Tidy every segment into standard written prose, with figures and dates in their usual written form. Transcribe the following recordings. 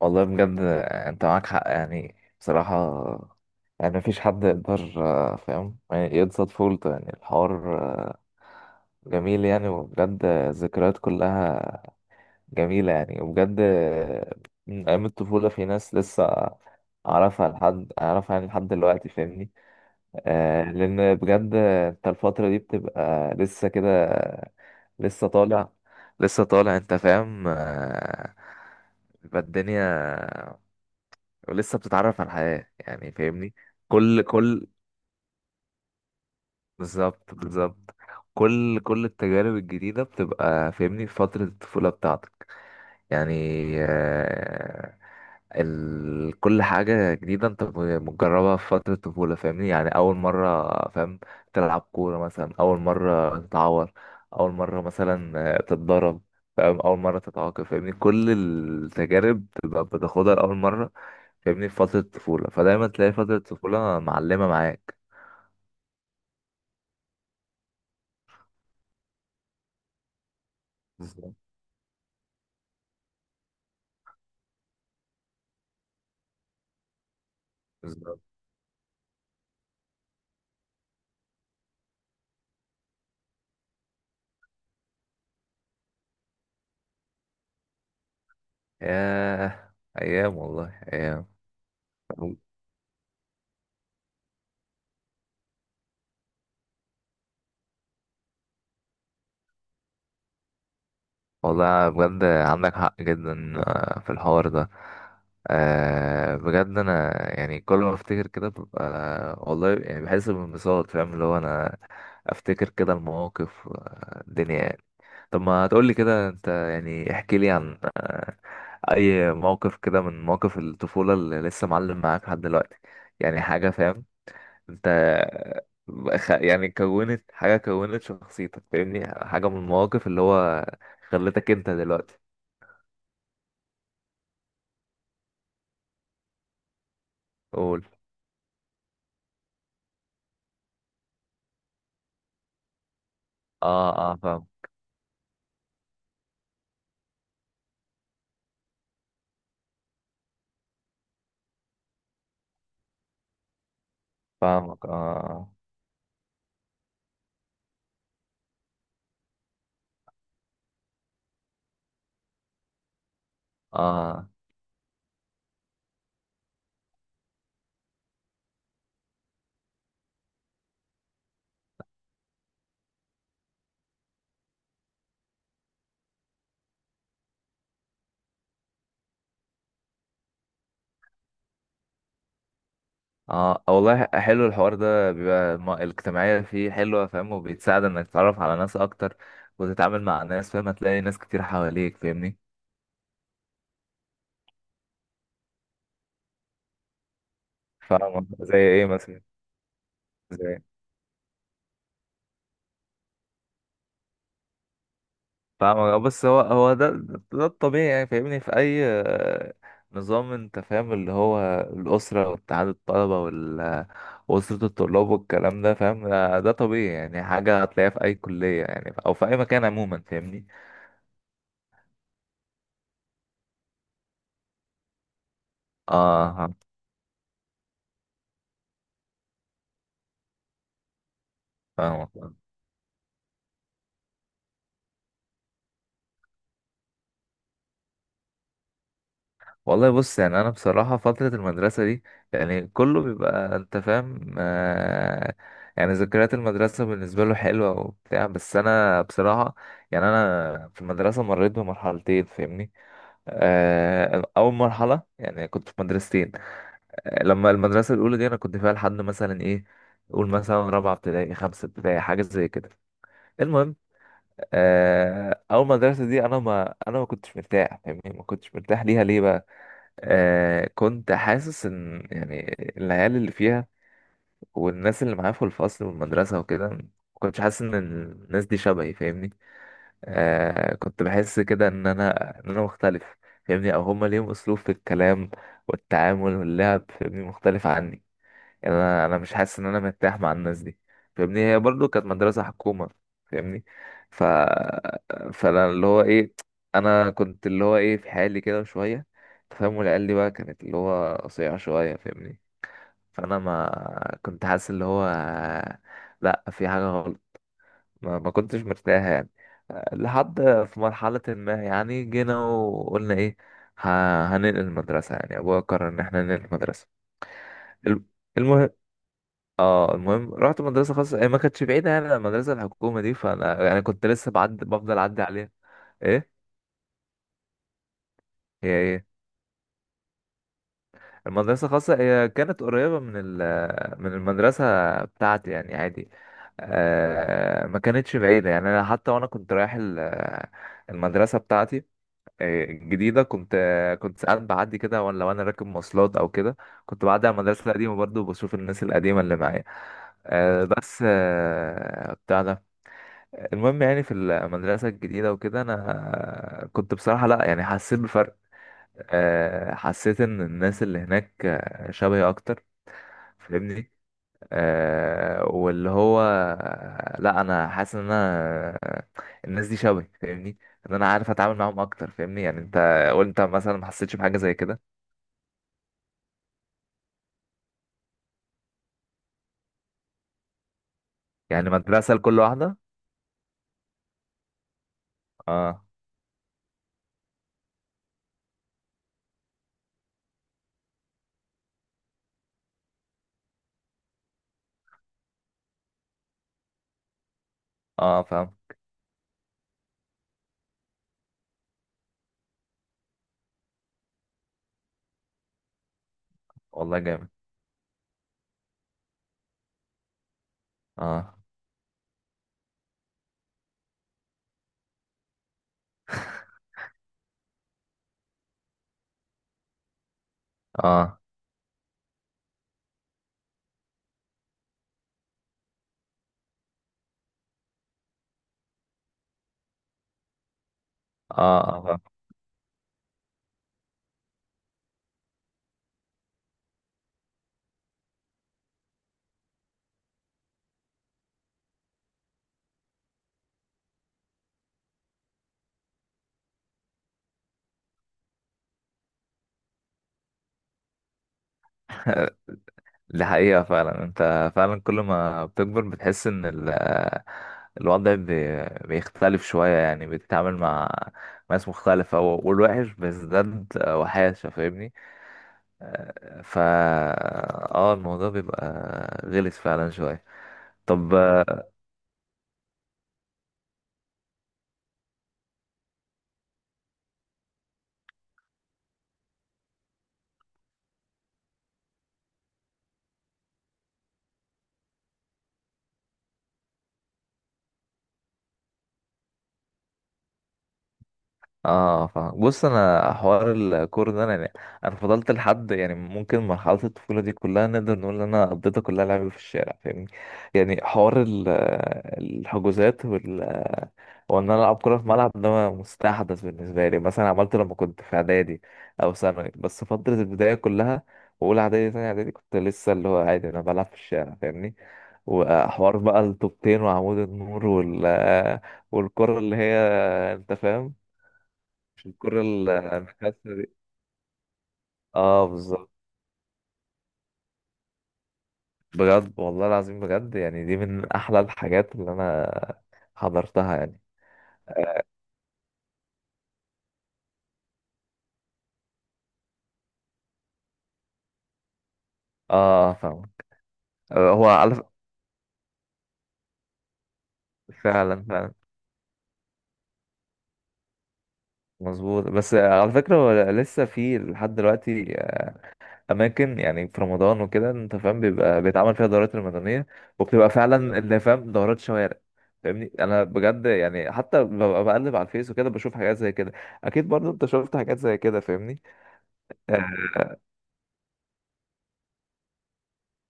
والله بجد. انت معاك حق يعني بصراحة. يعني مفيش حد يقدر فاهم يعني يقصد فولته يعني الحوار، جميل يعني. وبجد الذكريات كلها جميلة يعني. وبجد من أيام الطفولة في ناس لسه أعرفها لحد أعرفها يعني لحد دلوقتي فاهمني. لأن بجد انت الفترة دي بتبقى لسه كده، لسه طالع، لسه طالع انت فاهم. يبقى الدنيا، ولسه بتتعرف على الحياة يعني فاهمني. كل بالظبط، بالظبط. كل التجارب الجديدة بتبقى فاهمني في فترة الطفولة بتاعتك يعني. آه، كل حاجة جديدة انت بتجربها في فترة الطفولة فاهمني، يعني أول مرة فاهم تلعب كورة مثلا، أول مرة تتعور، أول مرة مثلا تتضرب، فاهم، أول مرة تتعاقب فاهمني. كل التجارب بتبقى بتاخدها لأول مرة فاهمني في فترة الطفولة، فدايما تلاقي فترة الطفولة معلمة معاك. بالظبط، بالظبط. ياه، أيام والله أيام. والله بجد عندك حق جدا في الحوار ده. بجد انا يعني كل ما افتكر كده ببقى والله يعني بحس بانبساط، فاهم اللي هو انا افتكر كده المواقف الدنيا يعني. طب ما تقولي كده، انت يعني احكي لي عن اي موقف كده من مواقف الطفولة اللي لسه معلم معاك لحد دلوقتي، يعني حاجة فاهم انت، يعني كونت حاجة، كونت شخصيتك فاهمني، حاجة من المواقف اللي هو خلتك انت دلوقتي. قول. اه فاهم. فاهمك، اه. اه اه والله حلو الحوار ده بيبقى الاجتماعية فيه حلوة فاهم، وبيتساعد انك تتعرف على ناس اكتر، وتتعامل مع ناس فاهم، هتلاقي ناس كتير حواليك فاهمني. فاهمك، زي ايه مثلا؟ زي فاهم، بس هو ده، ده الطبيعي يعني فاهمني. في اي نظام انت فاهم، اللي هو الاسره واتحاد الطلبه واسره الطلاب والكلام ده فاهم. ده طبيعي يعني، حاجه هتلاقيها في اي كليه يعني، او في اي مكان عموما فاهمني. اه، فاهمك. والله بص، يعني انا بصراحه فتره المدرسه دي، يعني كله بيبقى انت فاهم، آه يعني ذكريات المدرسه بالنسبه له حلوه وبتاع. بس انا بصراحه يعني انا في المدرسه مريت بمرحلتين فاهمني. أول مرحلة يعني كنت في مدرستين. لما المدرسة الأولى دي أنا كنت فيها لحد مثلا إيه، قول مثلا رابعة ابتدائي، خمسة ابتدائي، حاجة زي كده. المهم، أول مدرسة دي أنا ما كنتش مرتاح فاهمني، ما كنتش مرتاح ليها. ليه بقى؟ كنت حاسس إن يعني العيال اللي فيها والناس اللي معايا في الفصل والمدرسة وكده ما كنتش حاسس إن الناس دي شبهي فاهمني. آه، كنت بحس كده ان انا مختلف فاهمني، او هما ليهم اسلوب في الكلام والتعامل واللعب فاهمني، مختلف عني. يعني انا مش حاسس ان انا مرتاح مع الناس دي فاهمني. هي برضو كانت مدرسة حكومة فاهمني. ف فانا اللي هو ايه، انا كنت اللي هو ايه في حالي كده شوية تفهم، والعيال دي بقى كانت اللي هو قصيرة شوية فاهمني. فانا ما كنت حاسس اللي هو لا في حاجة غلط، ما كنتش مرتاح يعني. لحد في مرحلة ما، يعني جينا وقلنا ايه، هننقل المدرسة. يعني ابويا قرر ان احنا ننقل المدرسة. الم- المهم. اه المهم، رحت مدرسة خاصة، هي ما كانتش بعيدة يعني عن المدرسة الحكومة دي. فانا يعني كنت لسه بعد بفضل اعدي عليها. ايه؟ هي ايه؟ المدرسة الخاصة هي كانت قريبة من المدرسة بتاعتي يعني عادي. آه ما كانتش بعيدة يعني. انا حتى وانا كنت رايح المدرسة بتاعتي جديدة كنت ساعات بعدي كده، وانا لو انا راكب مواصلات او كده، كنت بعدي على المدرسة القديمة برضه، وبشوف الناس القديمة اللي معايا. بس بتاع ده. المهم يعني في المدرسة الجديدة وكده، انا كنت بصراحة لا يعني حسيت بفرق. حسيت ان الناس اللي هناك شبهي اكتر فاهمني. واللي هو لا، انا حاسس ان انا الناس دي شبهي فاهمني، ان انا عارف اتعامل معاهم اكتر فاهمني. يعني انت قلت مثلا ما حسيتش بحاجه زي كده. يعني مدرسه لكل واحده. اه اه فاهم. والله جامد. اه. اه. اه فاهم. دي حقيقه فعلا، انت فعلا كل ما بتكبر بتحس ان الوضع بيختلف شويه يعني، بتتعامل مع ناس مختلفه، والوحش بيزداد وحاشه فاهمني. فا اه، الموضوع بيبقى غلس فعلا شوية. طب. اه فاهم. بص انا حوار الكورة ده، انا يعني انا فضلت لحد يعني ممكن مرحلة الطفولة دي كلها نقدر نقول ان انا قضيتها كلها لعب في الشارع فاهمني. يعني حوار الحجوزات، هو ان انا العب كوره في ملعب، ده مستحدث بالنسبه لي، مثلا عملته لما كنت في اعدادي او ثانوي. بس فتره البدايه كلها، واولى اعدادي، ثانيه اعدادي، كنت لسه اللي هو عادي انا بلعب في الشارع فاهمني. وحوار بقى الطوبتين وعمود النور والكره اللي هي انت فاهم، مش الكره المكاسه دي. اه بالظبط. بجد والله العظيم، بجد يعني دي من احلى الحاجات اللي انا حضرتها يعني. اه فاهم. هو على فعلا، فعلا، مظبوط. بس على فكرة هو لسه في لحد دلوقتي أماكن، يعني في رمضان وكده أنت فاهم، بيبقى بيتعمل فيها دورات رمضانية، وبتبقى فعلا اللي فاهم دورات شوارع فاهمني. أنا بجد يعني حتى ببقى بقلب على الفيس وكده بشوف حاجات زي كده. أكيد برضه أنت شفت حاجات زي كده فاهمني. آه،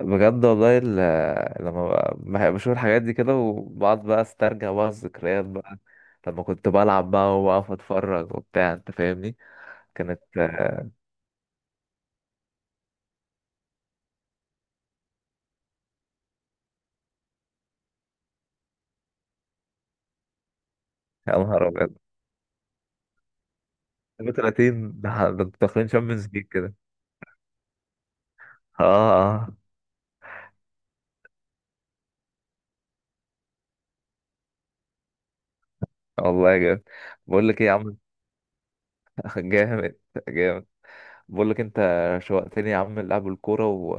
بجد والله لما بشوف الحاجات دي كده، وبقعد بقى أسترجع بقى الذكريات بقى، لما كنت بلعب بقى وأقف أتفرج وبتاع أنت فاهمني. كانت يا نهار أبيض! 32 ده انتوا داخلين شامبيونز ليج كده! اه، اه، والله جامد. بقول لك ايه يا عم، جامد جامد. بقول لك انت شوقتني يا عم لعب الكوره. و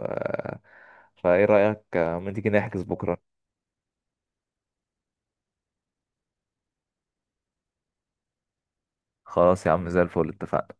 فايه رايك ما تيجي نحجز بكره؟ خلاص يا عم زي الفل، اتفقنا.